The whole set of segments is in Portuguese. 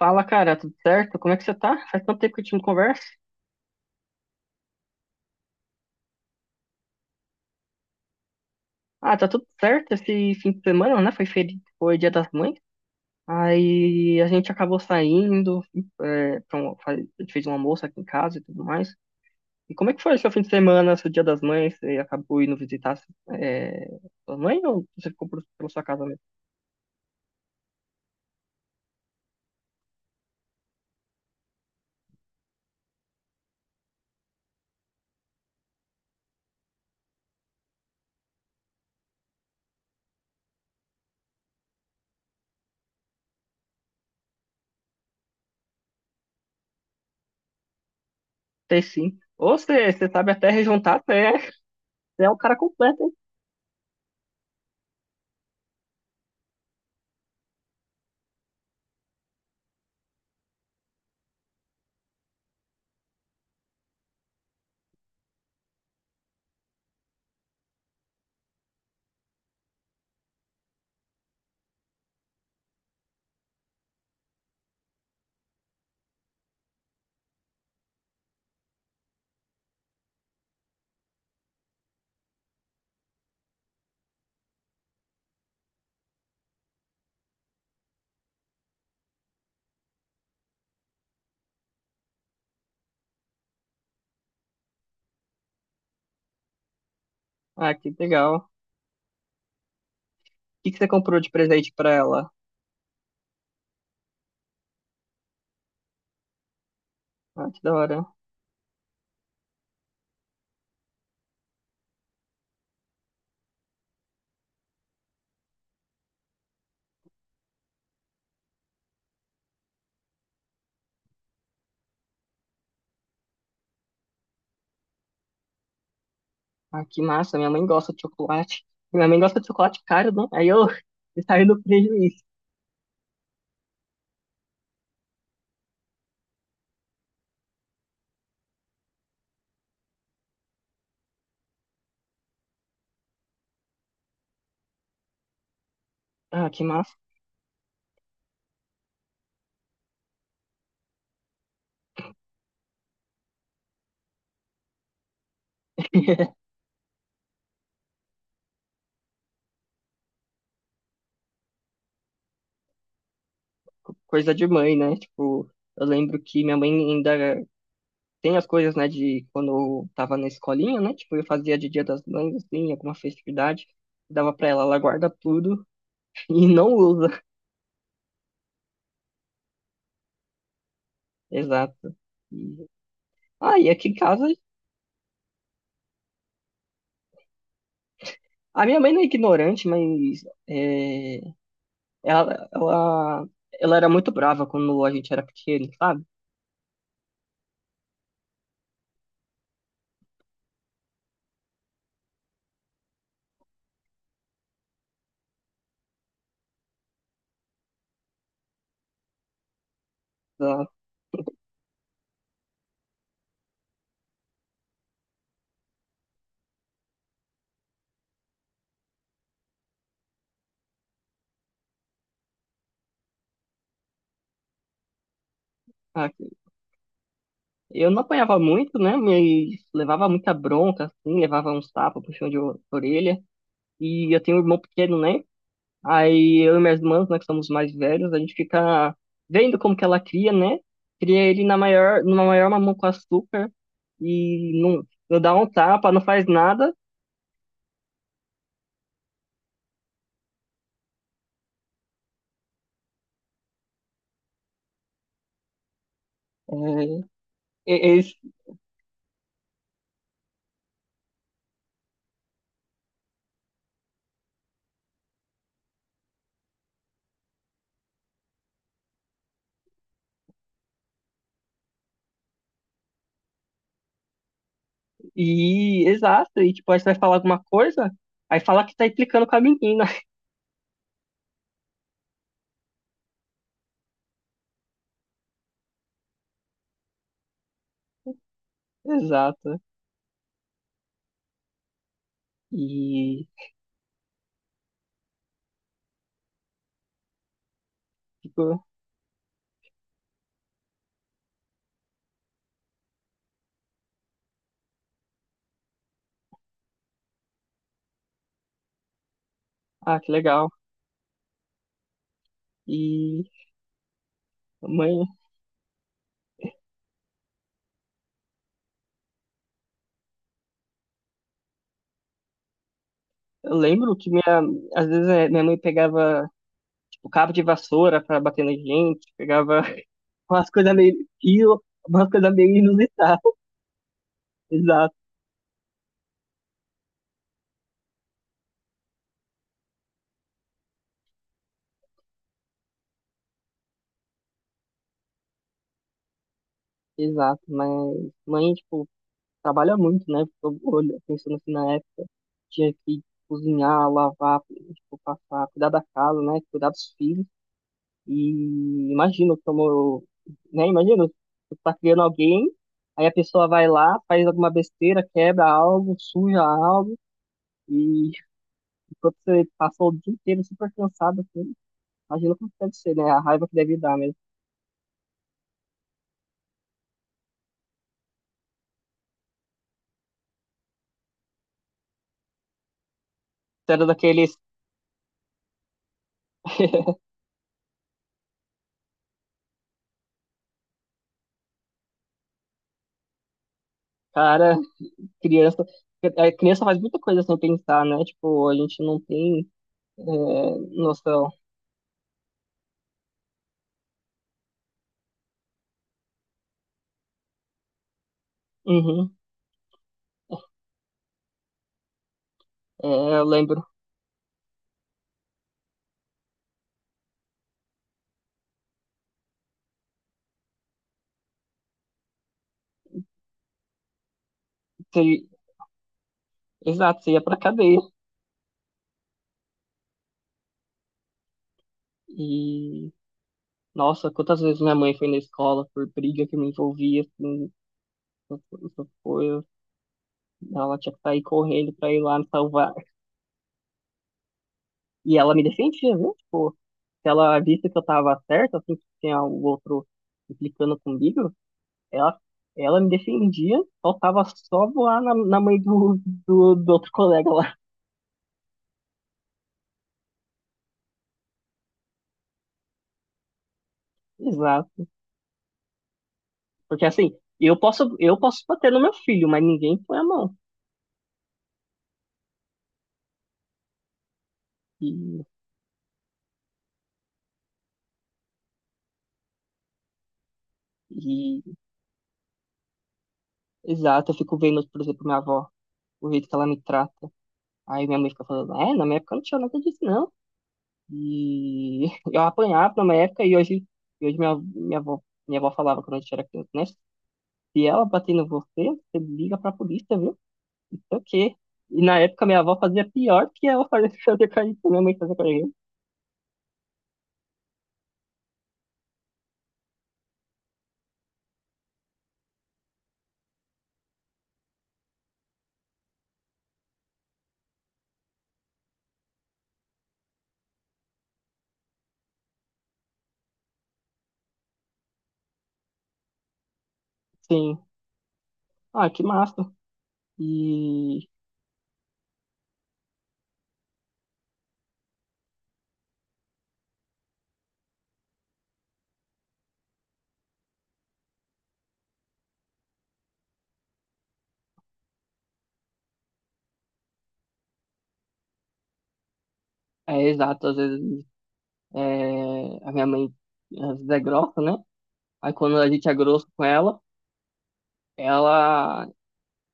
Fala, cara, tudo certo? Como é que você tá? Faz tanto tempo que a gente não conversa. Ah, tá tudo certo esse fim de semana, né? Foi Dia das Mães. Aí a gente acabou saindo, a gente fez um almoço aqui em casa e tudo mais. E como é que foi seu fim de semana, seu Dia das Mães? Você acabou indo visitar é, sua mãe ou você ficou pela sua casa mesmo? Sei sim. Ou você sabe até rejuntar, você é um cara completo, hein? Ah, que legal. O que que você comprou de presente pra ela? Ah, que da hora. Ah, que massa, minha mãe gosta de chocolate. Minha mãe gosta de chocolate caro, não? Aí eu saio no prejuízo. Ah, que massa. Coisa de mãe, né? Tipo, eu lembro que minha mãe ainda tem as coisas, né, de quando eu tava na escolinha, né? Tipo, eu fazia de Dia das Mães, assim, alguma festividade. Dava pra ela, ela guarda tudo e não usa. Exato. E- Ah, e aqui em casa, a minha mãe não é ignorante, mas é, ela, ela, ela era muito brava quando a gente era pequeno, sabe? Ah, eu não apanhava muito, né? Mas levava muita bronca, assim, levava uns tapas, puxão de orelha. E eu tenho um irmão pequeno, né? Aí eu e minhas irmãs, né, que somos mais velhos, a gente fica vendo como que ela cria, né? Cria ele na maior, numa maior mamão com açúcar e não, não dá um tapa, não faz nada. É, é- é exato, e tipo, aí você vai falar alguma coisa, aí fala que tá implicando com a menina. Exato. E, tipo, ah, que legal. E. Mãe, eu lembro que minha, às vezes minha mãe pegava tipo, cabo de vassoura pra bater na gente, pegava umas coisas meio fio, umas coisas meio inusitadas. Exato, exato. Mas mãe, tipo, trabalha muito, né? Fico Pensando assim na época, tinha que cozinhar, lavar, tipo, passar, cuidar da casa, né? Cuidar dos filhos. E imagino como, né? Imagino, você tá criando alguém, aí a pessoa vai lá, faz alguma besteira, quebra algo, suja algo. E quando você passou o dia inteiro super cansado, assim, imagina como deve ser, né? A raiva que deve dar mesmo. Você era daqueles, cara, criança. A criança faz muita coisa sem pensar, né? Tipo, a gente não tem é, noção. Uhum. É, eu lembro. que- exato, você ia pra cadeia. E, nossa, quantas vezes minha mãe foi na escola por briga que eu me envolvia, assim, essas essas coisas. Ela tinha que sair correndo pra ir lá me salvar. E ela me defendia, viu? Tipo, se ela visse que eu tava certa, assim, que tinha o outro implicando comigo, ela, ela me defendia, faltava só voar na mãe do outro colega lá. Exato. Porque assim, eu posso bater no meu filho, mas ninguém põe a mão. E, e, exato, eu fico vendo, por exemplo, minha avó, o jeito que ela me trata. Aí minha mãe fica falando, é, na minha época não tinha nada disso, não. E eu apanhava pra uma época e hoje minha avó falava quando a gente era criança, né? Se ela bater em você, você liga pra polícia, viu? Não sei o quê. E na época minha avó fazia pior que ela fazia, fazia com a gente, minha mãe fazia com a gente. Sim. Ah, que massa. E exato, às vezes é, a minha mãe às vezes é grossa, né? Aí quando a gente é grosso com ela, ela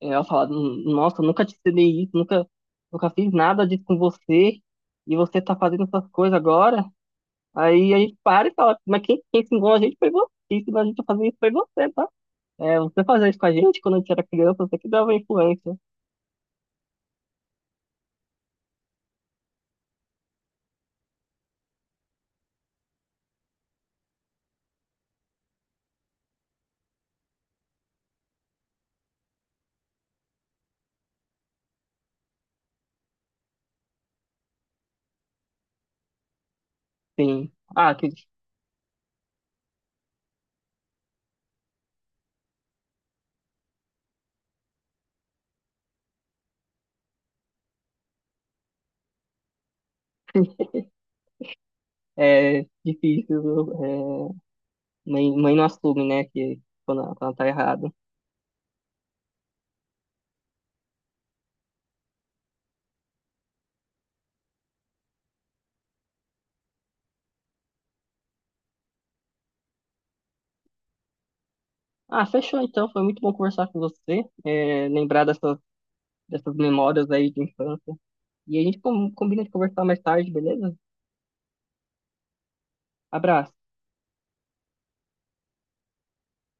Ela fala, nossa, eu nunca te cedei isso, nunca, nunca fiz nada disso com você, e você tá fazendo essas coisas agora. Aí a gente para e fala, mas quem ensinou a gente foi você, quem ensinou a gente a fazer isso foi você, tá? É, você fazia isso com a gente quando a gente era criança, você que dava influência. Sim. Ah, que é difícil, é, mãe não assume, né, que quando ela tá errada. Ah, fechou então, foi muito bom conversar com você, é, lembrar dessas, dessas memórias aí de infância. E a gente combina de conversar mais tarde, beleza? Abraço.